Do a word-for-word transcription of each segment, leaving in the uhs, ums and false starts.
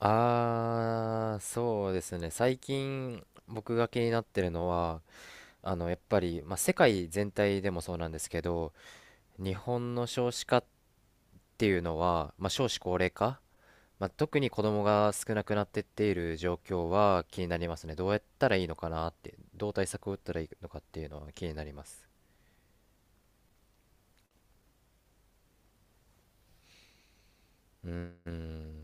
ああ、そうですね。最近僕が気になってるのは、あの、やっぱり、まあ、世界全体でもそうなんですけど、日本の少子化っていうのは、まあ、少子高齢化、まあ、特に子供が少なくなってっている状況は気になりますね。どうやったらいいのかなって、どう対策を打ったらいいのかっていうのは気になります。うん、うん、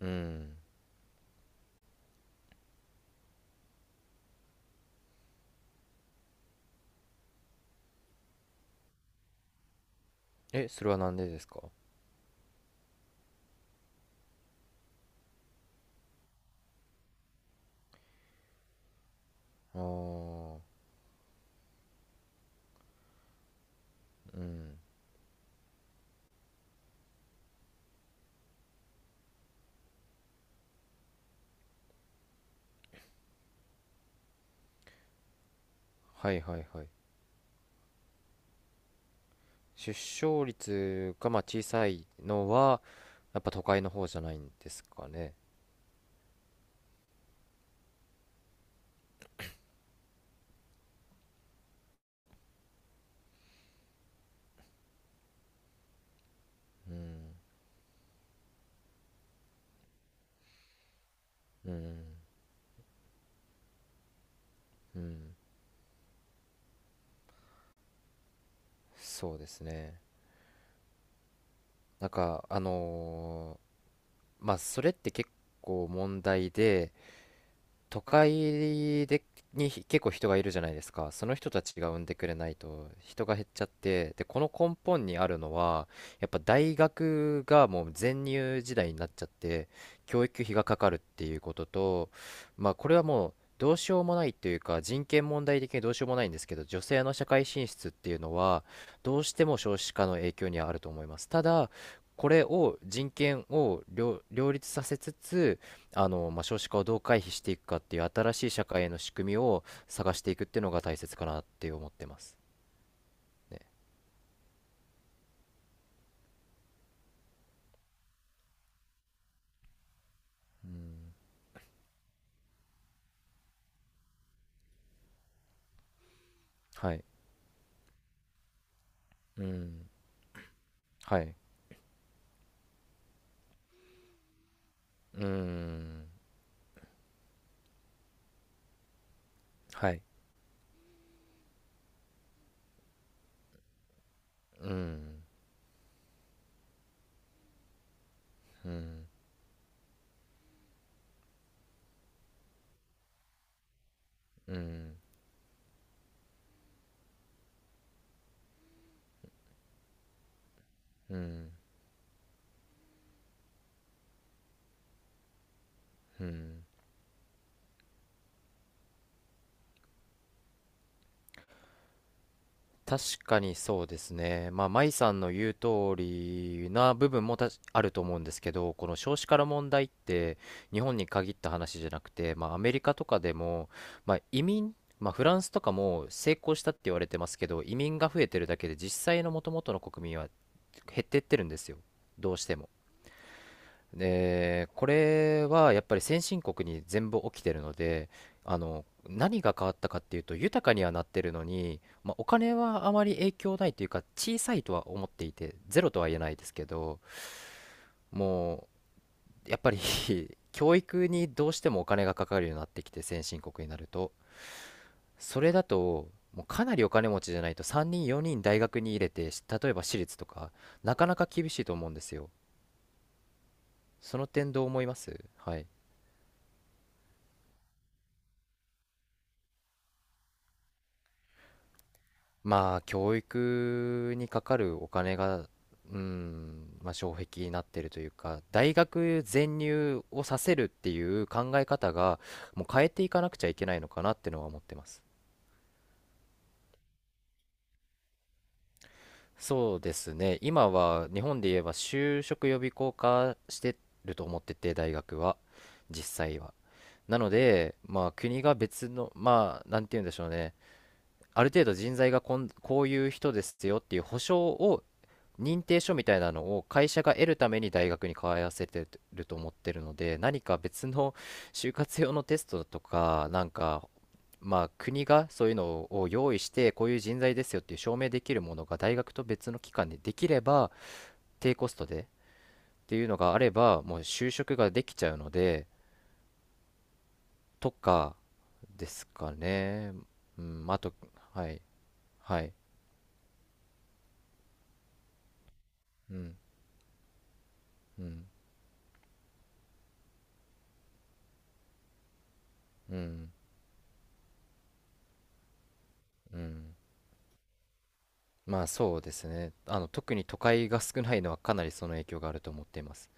うん。え、それはなんでですか？ああー、うん。はいはいはい。出生率がまあ小さいのは、やっぱ都会の方じゃないんですかね。うん、うん、うん、そうですね。なんか、あのーまあ、それって結構問題で、都会でに結構人がいるじゃないですか。その人たちが産んでくれないと人が減っちゃって、で、この根本にあるのは、やっぱ大学がもう全入時代になっちゃって、教育費がかかるっていうことと、まあこれはもうどうしようもないというか、人権問題的にどうしようもないんですけど、女性の社会進出っていうのは、どうしても少子化の影響にはあると思います。ただ、これを人権を両、両立させつつ、あの、まあ、少子化をどう回避していくかっていう新しい社会への仕組みを探していくっていうのが大切かなって思ってますね。はい。うん。はい。うん。はい。うん。うん。うん。うん。うん。確かにそうですね。まあ、舞さんの言う通りな部分もたしあると思うんですけど、この少子化の問題って日本に限った話じゃなくて、まあ、アメリカとかでも、まあ、移民、まあ、フランスとかも成功したって言われてますけど、移民が増えてるだけで実際の元々の国民は減ってってるんですよ。どうしても。で、これはやっぱり先進国に全部起きてるので、あの、何が変わったかっていうと、豊かにはなってるのに、まあ、お金はあまり影響ないというか、小さいとは思っていて、ゼロとは言えないですけど、もう、やっぱり 教育にどうしてもお金がかかるようになってきて、先進国になると。それだと、もうかなりお金持ちじゃないとさんにんよにん大学に入れて、し例えば私立とか、なかなか厳しいと思うんですよ。その点どう思います？はい。まあ、教育にかかるお金が、うん、まあ、障壁になってるというか、大学全入をさせるっていう考え方が、もう変えていかなくちゃいけないのかなってのは思ってます。そうですね、今は日本で言えば就職予備校化してると思ってて、大学は、実際は。なので、まあ、国が別の、まあ、なんて言うんでしょうね。ある程度人材がこん、こういう人ですよっていう保証を、認定書みたいなのを会社が得るために大学に通わせてると思ってるので、何か別の就活用のテストとか、なんか、まあ、国がそういうのを用意して、こういう人材ですよっていう証明できるものが大学と別の機関でできれば、低コストでっていうのがあれば、もう就職ができちゃうので、とかですかね。うん、あと、はい、はい、うん、うん。うん、うん。まあそうですね。あの、特に都会が少ないのはかなりその影響があると思っています。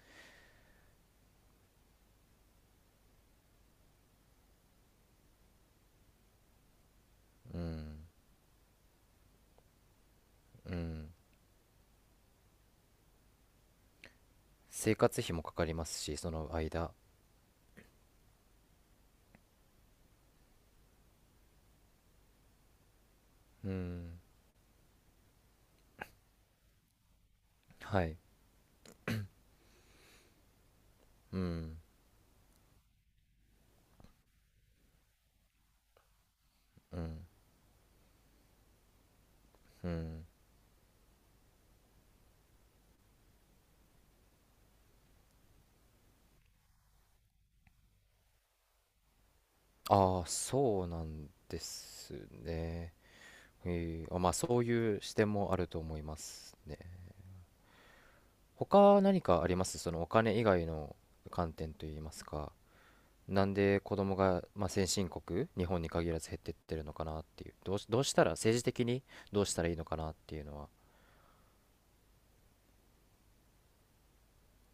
うん、うん。生活費もかかりますし、その間。うん、はい。うん、うん、うん。ああ、そうなんですね。えーあ、まあそういう視点もあると思いますね。他何かあります？そのお金以外の観点といいますか。なんで子供が、まあ、先進国、日本に限らず減ってってるのかなっていう、どうし、どうしたら、政治的にどうしたらいいのかなっていうのは、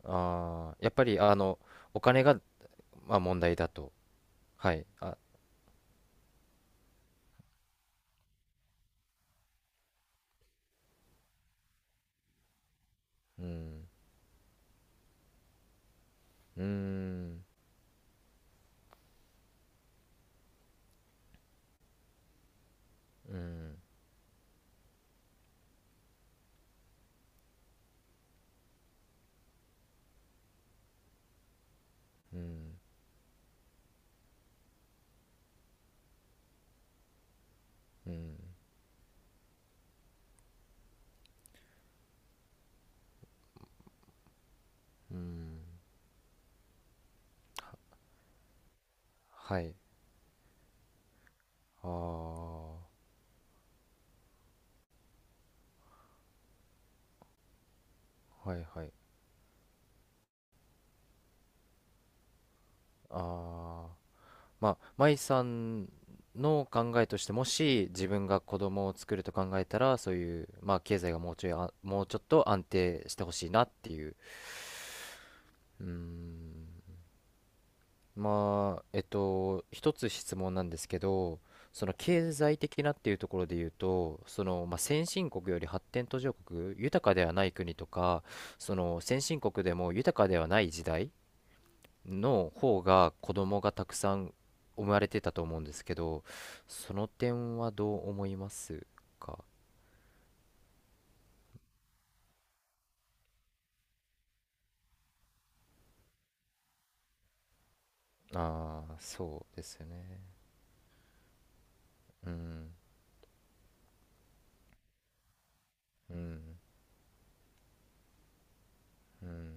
あーやっぱりあのお金が、まあ、問題だと、はい、あ、うん、うーん、うん、うん、うん、うん、はい、あー、はいはい、あー。まあ、舞さんの考えとしてもし自分が子供を作ると考えたらそういう、まあ、経済がもうちょいあもうちょっと安定してほしいなっていう。うーん。まあえっと一つ質問なんですけど、その経済的なっていうところで言うとその、まあ、先進国より発展途上国豊かではない国とかその先進国でも豊かではない時代の方が子供がたくさん生まれてたと思うんですけど、その点はどう思いますか？ああー、そうですよね。うん、うん、うん、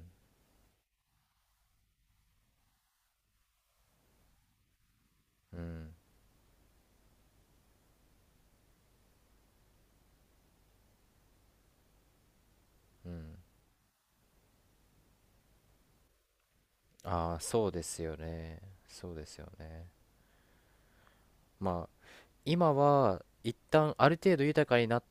うん、うん。ああ、そうですよね。そうですよね。まあ、今は一旦ある程度豊かになっ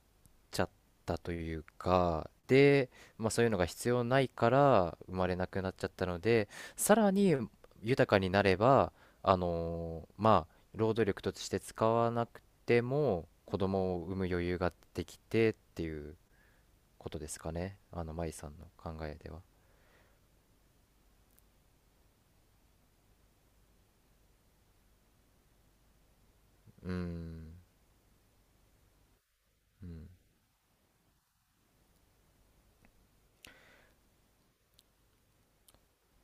ちゃったというか、で、まあ、そういうのが必要ないから生まれなくなっちゃったので、さらに豊かになれば、あのーまあ、労働力として使わなくても子供を産む余裕ができてっていうことですかね、あの、舞さんの考えでは。うーん、うん、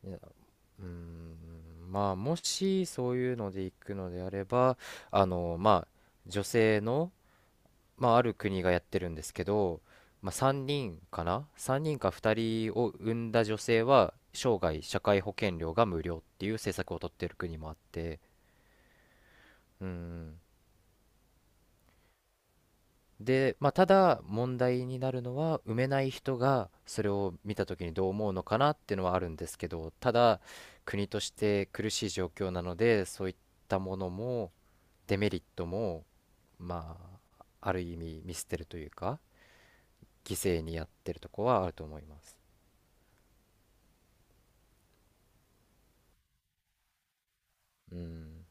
いや、うーん、まあ、もしそういうので行くのであれば、あのまあ、女性のまあ、ある国がやってるんですけど、まあ、さんにんかなさんにんかふたりを産んだ女性は生涯社会保険料が無料っていう政策をとってる国もあって。うん。で、まあ、ただ問題になるのは産めない人がそれを見た時にどう思うのかなっていうのはあるんですけどただ国として苦しい状況なのでそういったものもデメリットもまあある意味見捨てるというか犠牲にやってるとこはあると思います。うん。